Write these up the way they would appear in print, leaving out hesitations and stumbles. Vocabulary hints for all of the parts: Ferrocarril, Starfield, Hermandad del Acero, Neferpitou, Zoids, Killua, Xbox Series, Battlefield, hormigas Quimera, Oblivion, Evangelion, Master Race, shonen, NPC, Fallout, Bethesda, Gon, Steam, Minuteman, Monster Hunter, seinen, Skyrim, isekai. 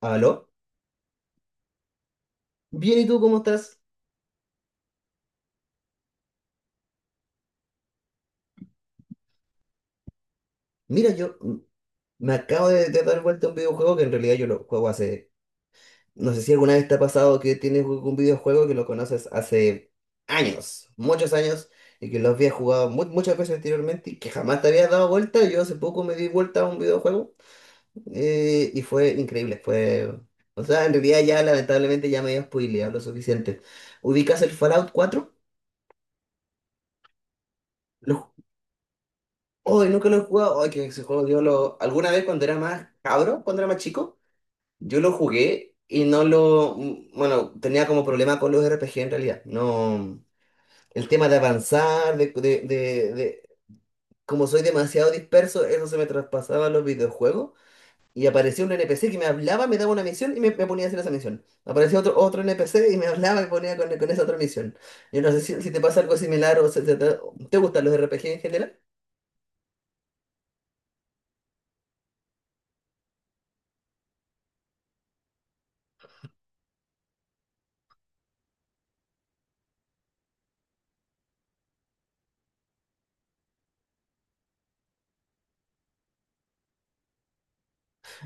¿Aló? Bien, ¿y tú cómo estás? Mira, yo, me acabo de dar vuelta a un videojuego que en realidad yo lo juego hace... No sé si alguna vez te ha pasado que tienes un videojuego que lo conoces hace años, muchos años, y que lo habías jugado muchas veces anteriormente y que jamás te habías dado vuelta. Yo hace poco me di vuelta a un videojuego, y fue increíble, fue... O sea, en realidad ya lamentablemente ya me había spoileado lo suficiente. ¿Ubicas el Fallout 4? Hoy nunca lo he jugado. Ay, que ese juego yo lo. Alguna vez cuando era más cabro, cuando era más chico, yo lo jugué y no lo. Bueno, tenía como problema con los RPG en realidad. No. El tema de avanzar. Como soy demasiado disperso, eso se me traspasaba a los videojuegos. Y aparecía un NPC que me hablaba, me daba una misión y me ponía a hacer esa misión. Aparecía otro NPC y me hablaba y me ponía con esa otra misión. Yo no sé si te pasa algo similar o se te gustan los RPG en general.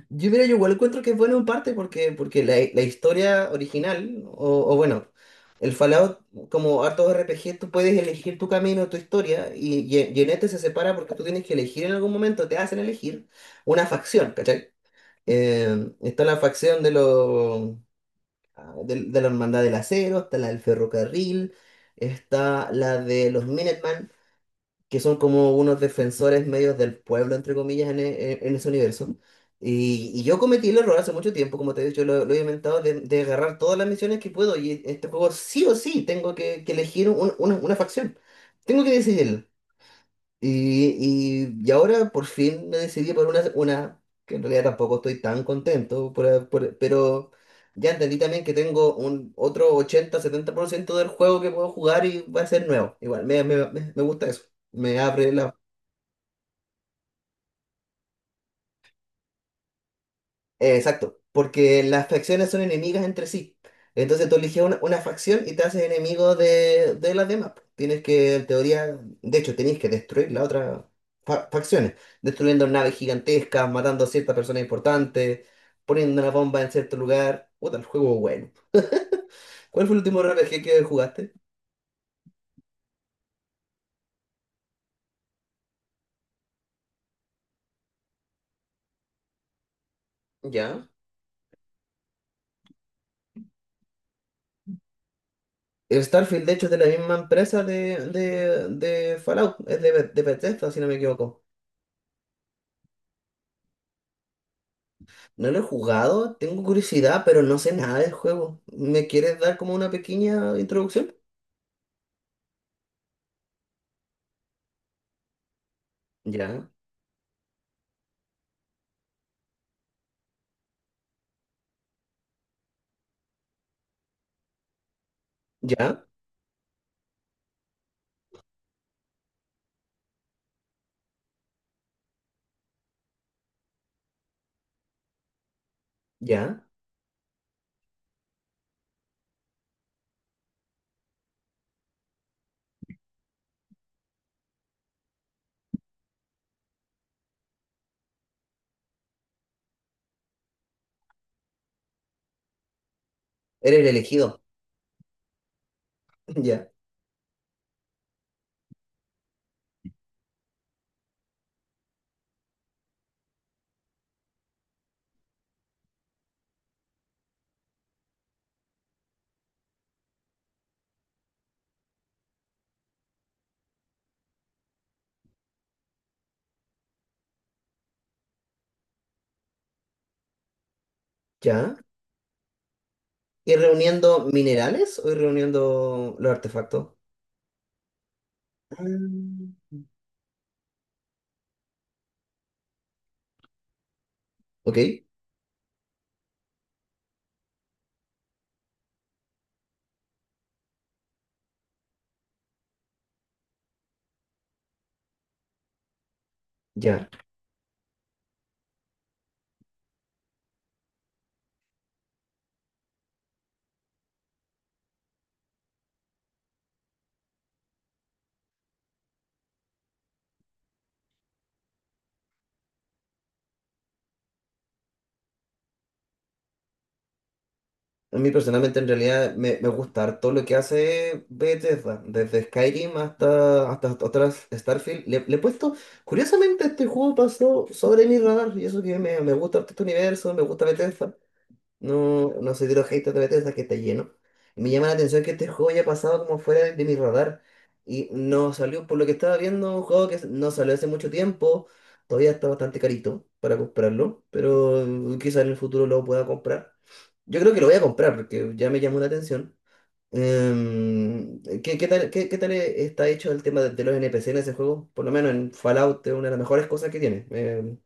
Yo, mira, yo igual encuentro que es bueno en parte porque la historia original, o bueno, el Fallout, como harto RPG tú puedes elegir tu camino, tu historia, y en este se separa porque tú tienes que elegir en algún momento, te hacen elegir una facción, ¿cachai? Está la facción de la Hermandad del Acero, está la del Ferrocarril, está la de los Minuteman, que son como unos defensores medios del pueblo, entre comillas, en, en ese universo. Y yo cometí el error hace mucho tiempo, como te he dicho, lo he inventado, de agarrar todas las misiones que puedo. Y este juego sí o sí tengo que elegir una facción. Tengo que decidirlo. Y ahora por fin me decidí por una que en realidad tampoco estoy tan contento, pero ya entendí también que tengo un otro 80 70% del juego que puedo jugar y va a ser nuevo. Igual, me gusta eso. Me abre las. Exacto, porque las facciones son enemigas entre sí. Entonces tú eliges una facción y te haces enemigo de las demás. Tienes que, en teoría, de hecho, tenéis que destruir las otras facciones, destruyendo naves gigantescas, matando a ciertas personas importantes, poniendo una bomba en cierto lugar. Puta, el juego es bueno. ¿Cuál fue el último RPG que jugaste? ¿Ya? El Starfield, de hecho, es de la misma empresa de Fallout, es de Bethesda, si no me equivoco. No lo he jugado, tengo curiosidad, pero no sé nada del juego. ¿Me quieres dar como una pequeña introducción? Ya, ya, ya. Eres el elegido. Ya, ya. ¿Ir reuniendo minerales o ir reuniendo los artefactos? Mm. Ok, ya. A mí personalmente en realidad me gusta todo lo que hace Bethesda, desde Skyrim hasta otras Starfield. Le he puesto, curiosamente este juego pasó sobre mi radar y eso que me gusta harto este universo, me gusta Bethesda. No, no soy de los haters de Bethesda que está lleno. Me llama la atención que este juego haya pasado como fuera de mi radar. Y no salió, por lo que estaba viendo, un juego que no salió hace mucho tiempo. Todavía está bastante carito para comprarlo. Pero quizás en el futuro lo pueda comprar. Yo creo que lo voy a comprar porque ya me llamó la atención. ¿Qué tal está hecho el tema de los NPC en ese juego? Por lo menos en Fallout es una de las mejores cosas que tiene.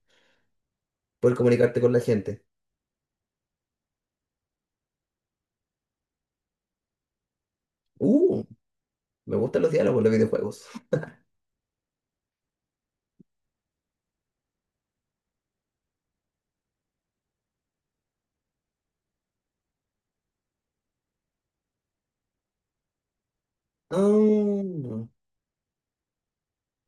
Poder comunicarte con la gente. Uh, me gustan los diálogos en los videojuegos. Ah,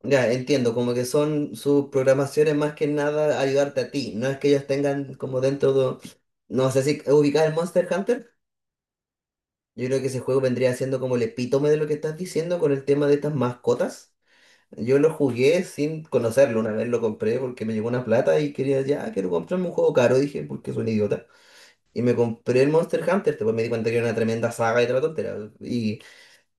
ya, entiendo, como que son sus programaciones más que nada ayudarte a ti, no es que ellos tengan como dentro de... No sé si ubicás el Monster Hunter, yo creo que ese juego vendría siendo como el epítome de lo que estás diciendo con el tema de estas mascotas. Yo lo jugué sin conocerlo, una vez lo compré porque me llegó una plata y quería, ya, quiero comprarme un juego caro, dije, porque soy un idiota. Y me compré el Monster Hunter, después me di cuenta que era una tremenda saga y toda la tontera. Y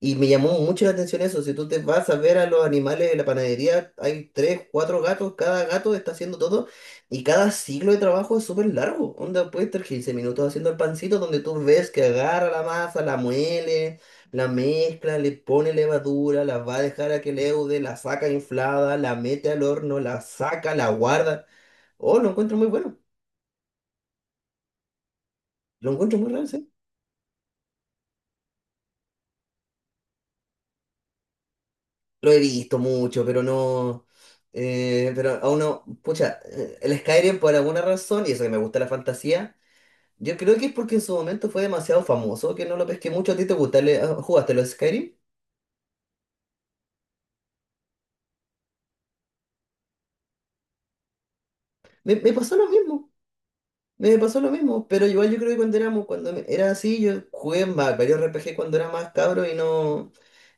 Y me llamó mucho la atención eso. Si tú te vas a ver a los animales de la panadería, hay tres, cuatro gatos, cada gato está haciendo todo y cada ciclo de trabajo es súper largo. Onda, puede estar 15 minutos haciendo el pancito donde tú ves que agarra la masa, la muele, la mezcla, le pone levadura, la va a dejar a que leude, la saca inflada, la mete al horno, la saca, la guarda. Oh, lo encuentro muy bueno. Lo encuentro muy raro. Lo he visto mucho, pero no. Pero aún no. Pucha, el Skyrim por alguna razón, y eso que me gusta la fantasía, yo creo que es porque en su momento fue demasiado famoso, que no lo pesqué mucho. ¿A ti te gusta? ¿Le- ah, ¿jugaste los Skyrim? Me pasó lo mismo. Me pasó lo mismo, pero igual yo creo que cuando éramos, cuando era así, yo jugué en varios RPG cuando era más cabro y no.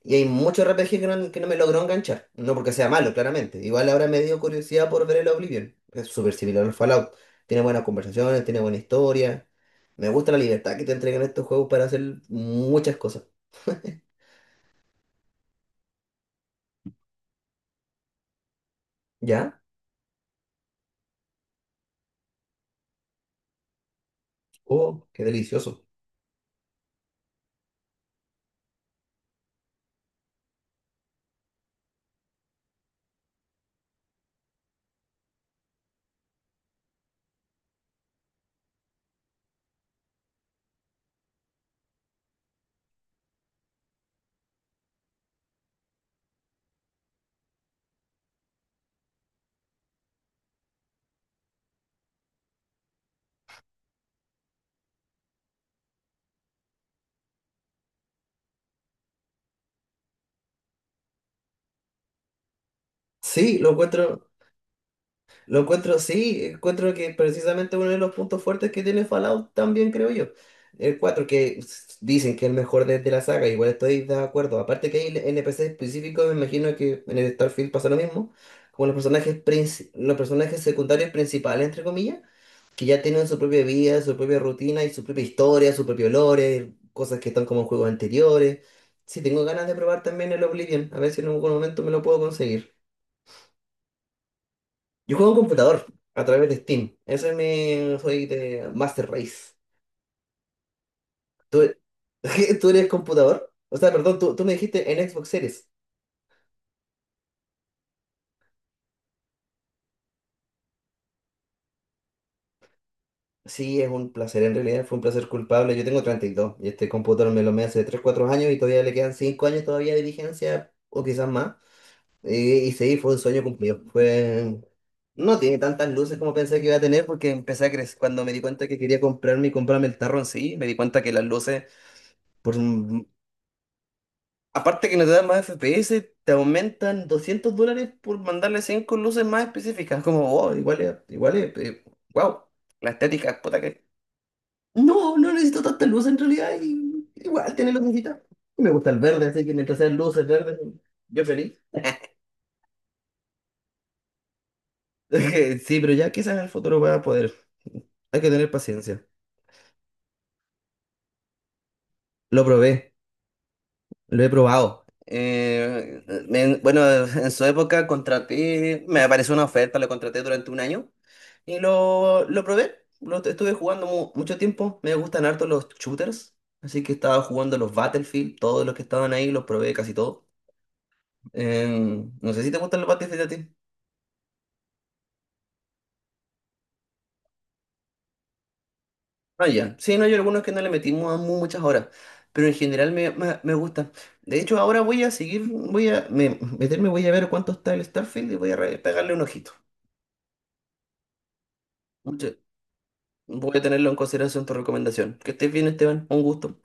Y hay muchos RPG que no me logró enganchar. No porque sea malo, claramente. Igual ahora me dio curiosidad por ver el Oblivion. Es súper similar al Fallout. Tiene buenas conversaciones, tiene buena historia. Me gusta la libertad que te entregan estos juegos para hacer muchas cosas. ¿Ya? Oh, qué delicioso. Sí, lo encuentro. Lo encuentro, sí, encuentro que precisamente uno de los puntos fuertes que tiene Fallout también creo yo. El 4 que dicen que es el mejor de la saga, igual estoy de acuerdo. Aparte que hay NPC específicos, me imagino que en el Starfield pasa lo mismo, como los personajes, los personajes secundarios principales, entre comillas, que ya tienen su propia vida, su propia rutina y su propia historia, su propio lore, cosas que están como en juegos anteriores. Sí, tengo ganas de probar también el Oblivion, a ver si en algún momento me lo puedo conseguir. Yo juego en computador a través de Steam. Ese es mi. Soy de Master Race. ¿Tú, tú, eres computador? O sea, perdón, tú me dijiste en Xbox Series. Sí, es un placer, en realidad fue un placer culpable. Yo tengo 32 y dos y este computador me lo me hace 3 4 años y todavía le quedan 5 años todavía de vigencia o quizás más. Y sí, fue un sueño cumplido. Fue... No tiene tantas luces como pensé que iba a tener porque empecé a crecer. Cuando me di cuenta que quería comprarme y comprarme el tarro en sí, me di cuenta que las luces, por, aparte que no te dan más FPS, te aumentan $200 por mandarle 5 luces más específicas. Como, oh, igual es, wow, la estética, puta que... No, no necesito tanta luz en realidad, y igual tiene lucecita. Y me gusta el verde, así que mientras sean luces verdes, yo feliz. Sí, pero ya quizás en el futuro voy a poder. Hay que tener paciencia. Lo probé. Lo he probado. Bueno, en su época contraté, me apareció una oferta, lo contraté durante un año y lo probé. Lo estuve jugando mucho tiempo. Me gustan harto los shooters, así que estaba jugando los Battlefield, todos los que estaban ahí los probé casi todos. Eh, no sé si te gustan los Battlefield a ti. Ah, ya. Sí, no, hay algunos que no le metimos a muchas horas, pero en general me gusta. De hecho, ahora voy a seguir, voy a meterme, voy a ver cuánto está el Starfield y voy a pegarle un ojito. Voy a tenerlo en consideración tu recomendación. Que estés bien, Esteban. Un gusto.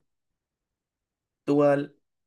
Igual.